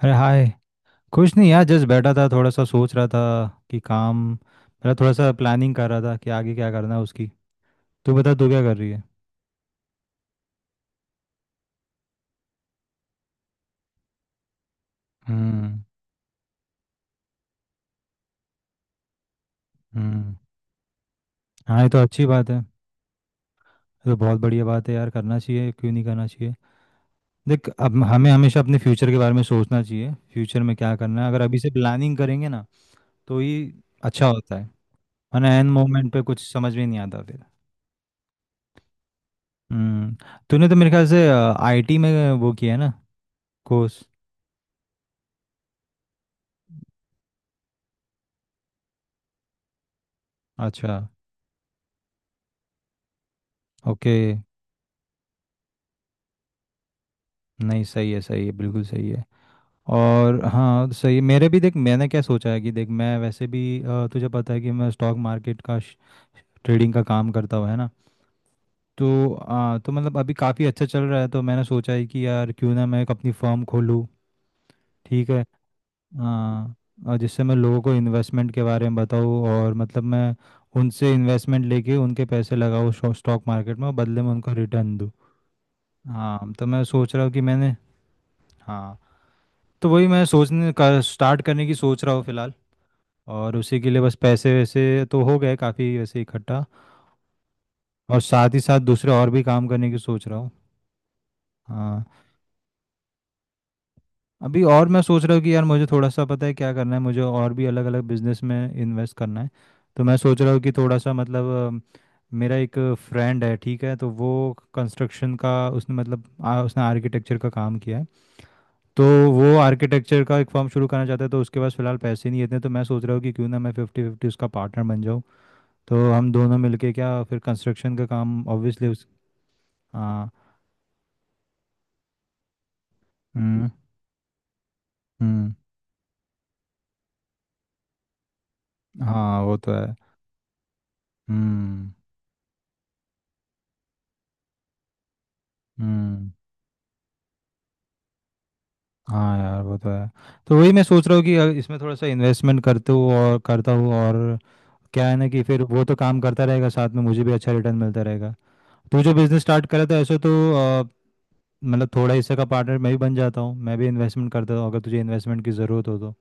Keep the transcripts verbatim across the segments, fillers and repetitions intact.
अरे हाय। कुछ नहीं यार जस्ट बैठा था थोड़ा सा सोच रहा था कि काम मतलब थोड़ा सा प्लानिंग कर रहा था कि आगे क्या करना है उसकी। तू बता तू क्या कर रही है। हम्म। हम्म। हाँ ये तो अच्छी बात है। ये तो बहुत बढ़िया बात है यार करना चाहिए क्यों नहीं करना चाहिए। देख अब हमें हमेशा अपने फ्यूचर के बारे में सोचना चाहिए फ्यूचर में क्या करना है अगर अभी से प्लानिंग करेंगे ना तो ये अच्छा होता है। वरना एन मोमेंट पे कुछ समझ में नहीं आता फिर। हम्म। तूने तो मेरे ख्याल से आईटी में वो किया है ना कोर्स। अच्छा। ओके। नहीं सही है सही है बिल्कुल सही है। और हाँ सही मेरे भी देख मैंने क्या सोचा है कि देख मैं वैसे भी अ, तुझे पता है कि मैं स्टॉक मार्केट का ट्रेडिंग का काम करता हुआ है ना। तो आ, तो मतलब अभी काफ़ी अच्छा चल रहा है तो मैंने सोचा है कि यार क्यों ना मैं एक अपनी फर्म खोलूँ। ठीक है। हाँ और जिससे मैं लोगों को इन्वेस्टमेंट के बारे में बताऊँ और मतलब मैं उनसे इन्वेस्टमेंट लेके उनके पैसे लगाऊँ स्टॉक मार्केट में और बदले में उनको रिटर्न दूँ। हाँ तो मैं सोच रहा हूँ कि मैंने। हाँ तो वही मैं सोचने का स्टार्ट करने की सोच रहा हूँ फिलहाल। और उसी के लिए बस पैसे वैसे तो हो गए काफ़ी वैसे इकट्ठा। और साथ ही साथ दूसरे और भी काम करने की सोच रहा हूँ। हाँ। अभी और मैं सोच रहा हूँ कि यार मुझे थोड़ा सा पता है क्या करना है मुझे और भी अलग अलग बिजनेस में इन्वेस्ट करना है। तो मैं सोच रहा हूँ कि थोड़ा सा मतलब अम, मेरा एक फ्रेंड है ठीक है तो वो कंस्ट्रक्शन का उसने मतलब आ, उसने आर्किटेक्चर का काम किया है। तो वो आर्किटेक्चर का एक फर्म शुरू करना चाहता है तो उसके पास फिलहाल पैसे नहीं है इतने तो मैं सोच रहा हूँ कि क्यों ना मैं फिफ्टी फिफ्टी उसका पार्टनर बन जाऊँ। तो हम दोनों मिलके क्या फिर कंस्ट्रक्शन का काम ऑब्वियसली उस। हाँ। हम्म। हम्म। हाँ वो तो है। हम्म। हम्म। हाँ यार वो तो है। तो वही मैं सोच रहा हूँ कि अ, इसमें थोड़ा सा इन्वेस्टमेंट करते हूँ और करता हूँ और क्या है ना कि फिर वो तो काम करता रहेगा साथ में मुझे भी अच्छा रिटर्न मिलता रहेगा। तू जो बिजनेस स्टार्ट करा था ऐसे तो मतलब थोड़ा हिस्से का पार्टनर मैं भी बन जाता हूँ मैं भी इन्वेस्टमेंट करता हूँ अगर तुझे इन्वेस्टमेंट की ज़रूरत हो तो।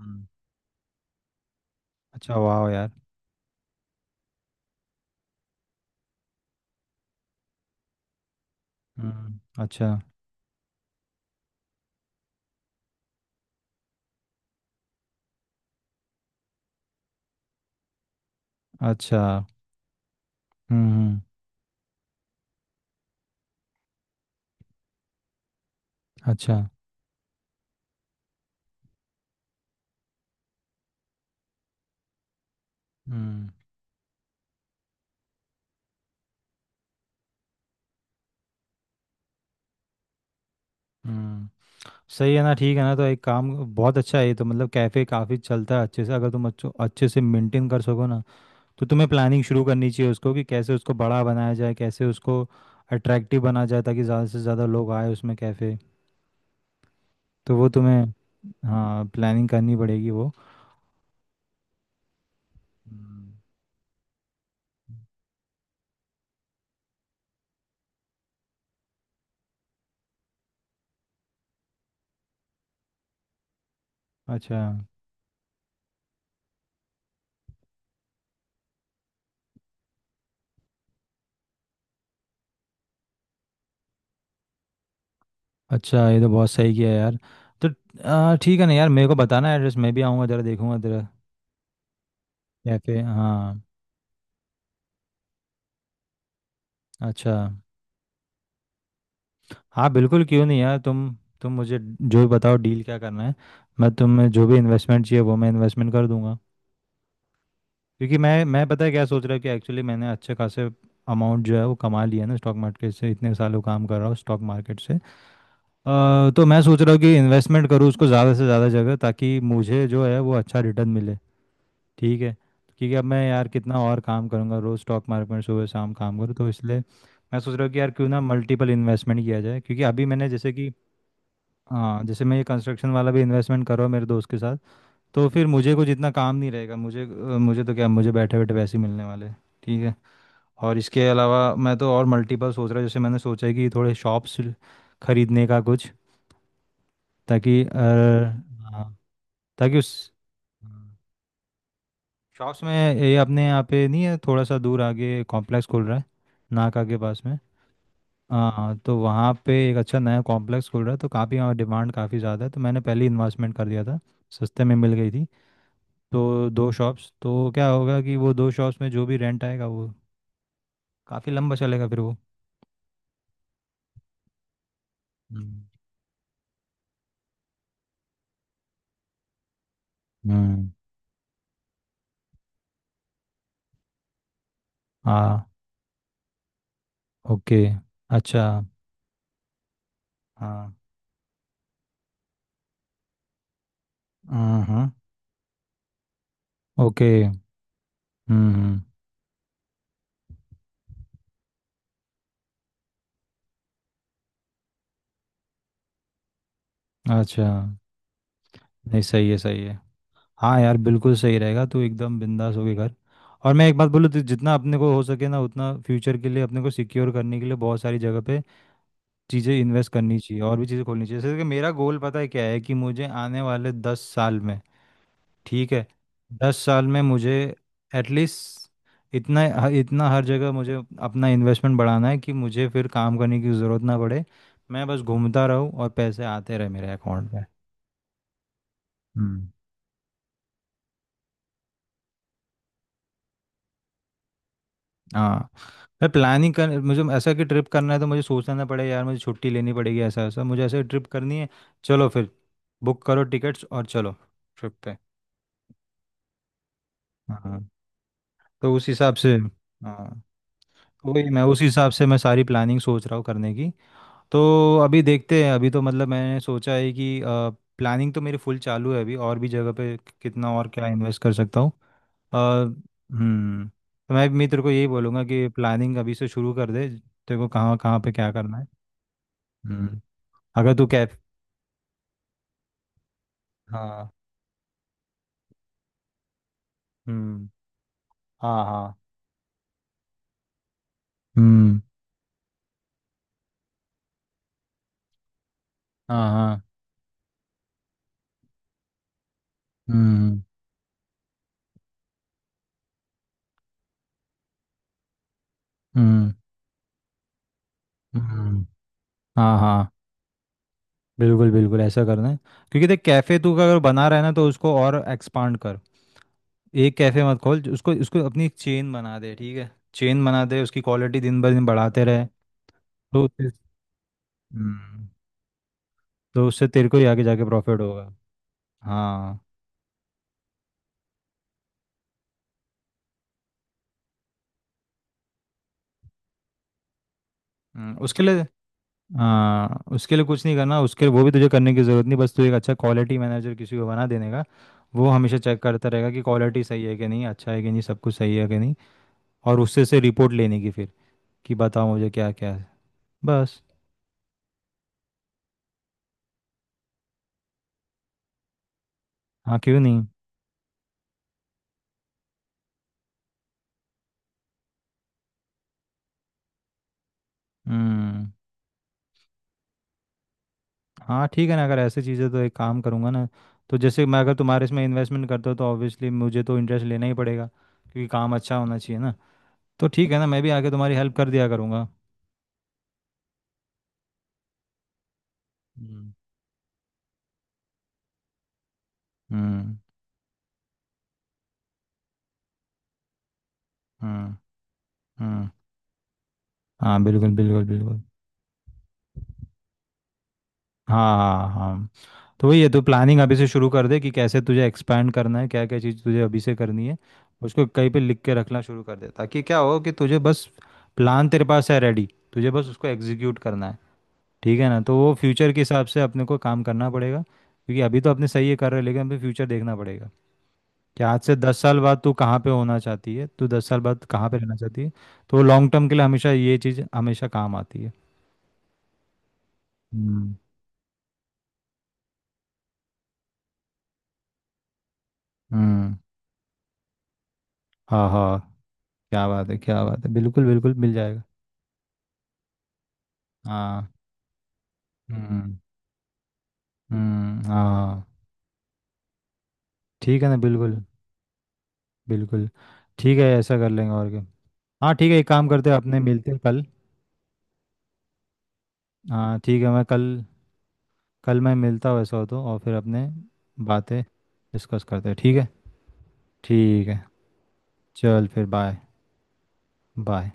हम्म। अच्छा वाह यार। हम्म। अच्छा अच्छा। हम्म। अच्छा। हम्म। हम्म। सही है ना ठीक है ना तो एक काम बहुत अच्छा है ये तो मतलब कैफ़े काफ़ी चलता है अच्छे से अगर तुम अच्छो अच्छे से मेंटेन कर सको ना तो तुम्हें प्लानिंग शुरू करनी चाहिए उसको कि कैसे उसको बड़ा बनाया जाए कैसे उसको अट्रैक्टिव बना जाए ताकि ज़्यादा से ज़्यादा लोग आए उसमें कैफ़े। तो वो तुम्हें हाँ प्लानिंग करनी पड़ेगी वो। हम्म। अच्छा अच्छा ये तो बहुत सही किया यार। तो आ, ठीक है ना यार मेरे को बताना एड्रेस मैं भी आऊँगा ज़रा देखूँगा तेरा कैफ़े। हाँ। अच्छा। हाँ बिल्कुल क्यों नहीं यार तुम तुम मुझे जो भी बताओ डील क्या करना है मैं तुम्हें जो भी इन्वेस्टमेंट चाहिए वो मैं इन्वेस्टमेंट कर दूंगा। क्योंकि मैं मैं पता है क्या सोच रहा हूँ कि एक्चुअली मैंने अच्छे खासे अमाउंट जो है वो कमा लिया है ना स्टॉक मार्केट से इतने सालों काम कर रहा हूँ स्टॉक मार्केट से अ, तो मैं सोच रहा हूँ कि इन्वेस्टमेंट करूँ उसको ज़्यादा से ज़्यादा जगह ताकि मुझे जो है वो अच्छा रिटर्न मिले। ठीक है। क्योंकि अब मैं यार कितना और काम करूँगा रोज़ स्टॉक मार्केट में सुबह शाम काम करूँ तो इसलिए मैं सोच रहा हूँ कि यार क्यों ना मल्टीपल इन्वेस्टमेंट किया जाए क्योंकि अभी मैंने जैसे कि हाँ जैसे मैं ये कंस्ट्रक्शन वाला भी इन्वेस्टमेंट कर रहा हूँ मेरे दोस्त के साथ। तो फिर मुझे कुछ इतना काम नहीं रहेगा मुझे अ, मुझे तो क्या मुझे बैठे बैठे पैसे मिलने वाले हैं। ठीक है। और इसके अलावा मैं तो और मल्टीपल सोच रहा हूँ जैसे मैंने सोचा है कि थोड़े शॉप्स खरीदने का कुछ ताकि अ, हाँ ताकि उस हाँ, शॉप्स में ये अपने यहाँ पे नहीं है थोड़ा सा दूर आगे कॉम्प्लेक्स खुल रहा है नाका के पास में। हाँ तो वहाँ पे एक अच्छा नया कॉम्प्लेक्स खुल रहा है तो काफ़ी वहाँ डिमांड काफ़ी ज़्यादा है तो मैंने पहले ही इन्वेस्टमेंट कर दिया था सस्ते में मिल गई थी। तो दो शॉप्स तो क्या होगा कि वो दो शॉप्स में जो भी रेंट आएगा वो काफ़ी लंबा चलेगा फिर वो। हम्म। हम्म। हाँ। ओके। अच्छा। हाँ हाँ हाँ। ओके। हम्म। हम्म। अच्छा। नहीं सही है सही है। हाँ यार बिल्कुल सही रहेगा तू एकदम बिंदास होके कर। और मैं एक बात बोलूँ तो जितना अपने को हो सके ना उतना फ्यूचर के लिए अपने को सिक्योर करने के लिए बहुत सारी जगह पे चीज़ें इन्वेस्ट करनी चाहिए और भी चीज़ें खोलनी चाहिए जैसे कि मेरा गोल पता है क्या है कि मुझे आने वाले दस साल में। ठीक है। दस साल में मुझे एटलीस्ट इतना ह- इतना हर जगह मुझे अपना इन्वेस्टमेंट बढ़ाना है कि मुझे फिर काम करने की ज़रूरत ना पड़े। मैं बस घूमता रहूँ और पैसे आते रहे मेरे अकाउंट में। हम्म। हाँ। मैं प्लानिंग कर मुझे ऐसा कि ट्रिप करना है तो मुझे सोचना ना पड़े यार मुझे छुट्टी लेनी पड़ेगी ऐसा ऐसा मुझे ऐसे ट्रिप करनी है। चलो फिर बुक करो टिकट्स और चलो ट्रिप पे। हाँ तो उस हिसाब से हाँ वही मैं उस हिसाब से मैं सारी प्लानिंग सोच रहा हूँ करने की। तो अभी देखते हैं अभी तो मतलब मैंने सोचा है कि प्लानिंग तो मेरी फुल चालू है अभी और भी जगह पे कितना और क्या इन्वेस्ट कर सकता हूँ। अ, हम्म। तो मैं भी मित्र को यही बोलूँगा कि प्लानिंग अभी से शुरू कर दे तेरे को कहाँ कहाँ पे क्या करना है। हम्म। अगर तू कैफ हाँ हम्म हाँ हाँ हम्म हाँ हाँ हम्म हम्म हम्म हाँ हाँ बिल्कुल बिल्कुल ऐसा करना है। क्योंकि देख कैफ़े तू अगर बना रहा है ना तो उसको और एक्सपांड कर। एक कैफ़े मत खोल उसको उसको अपनी चेन बना दे ठीक है। चेन बना दे उसकी क्वालिटी दिन ब दिन बढ़ाते रहे। तो ते- हम्म तो उससे तेरे को ही आगे जाके प्रॉफिट होगा। हाँ। हम्म, उसके लिए हाँ उसके लिए कुछ नहीं करना उसके लिए वो भी तुझे करने की ज़रूरत नहीं बस तू एक अच्छा क्वालिटी मैनेजर किसी को बना देने का। वो हमेशा चेक करता रहेगा कि क्वालिटी सही है कि नहीं अच्छा है कि नहीं सब कुछ सही है कि नहीं। और उससे से रिपोर्ट लेने की फिर कि बताओ मुझे क्या क्या है बस। हाँ क्यों नहीं। हम्म। हाँ ठीक है ना अगर ऐसी चीज़ें तो एक काम करूँगा ना तो जैसे मैं अगर तुम्हारे इसमें इन्वेस्टमेंट करता हूँ तो ऑब्वियसली मुझे तो इंटरेस्ट लेना ही पड़ेगा क्योंकि काम अच्छा होना चाहिए ना। तो ठीक है ना मैं भी आके तुम्हारी हेल्प कर दिया करूँगा। हम्म। हम्म। हम्म। हम्म। हाँ बिल्कुल बिल्कुल बिल्कुल। हाँ हाँ हाँ तो वही है तो प्लानिंग अभी से शुरू कर दे कि कैसे तुझे एक्सपैंड करना है क्या क्या चीज़ तुझे अभी से करनी है। उसको कहीं पे लिख के रखना शुरू कर दे ताकि क्या हो कि तुझे बस प्लान तेरे पास है रेडी तुझे बस उसको एग्जीक्यूट करना है। ठीक है ना तो वो फ्यूचर के हिसाब से अपने को काम करना पड़ेगा क्योंकि अभी तो अपने सही है कर रहे हैं लेकिन अभी फ्यूचर देखना पड़ेगा कि आज से दस साल बाद तू कहाँ पे होना चाहती है तू दस साल बाद कहाँ पे रहना चाहती है। तो लॉन्ग टर्म के लिए हमेशा ये चीज़ हमेशा काम आती है। हम्म। हम्म। हाँ हाँ क्या बात है क्या बात है बिल्कुल बिल्कुल मिल जाएगा। हाँ। हम्म। हम्म। हाँ ठीक है ना बिल्कुल बिल्कुल। ठीक है ऐसा कर लेंगे और क्या। हाँ ठीक है एक काम करते हैं अपने मिलते हैं कल। हाँ ठीक है मैं कल कल मैं मिलता हूँ ऐसा हो तो और फिर अपने बातें डिस्कस करते हैं ठीक है। ठीक है। चल फिर बाय। बाय।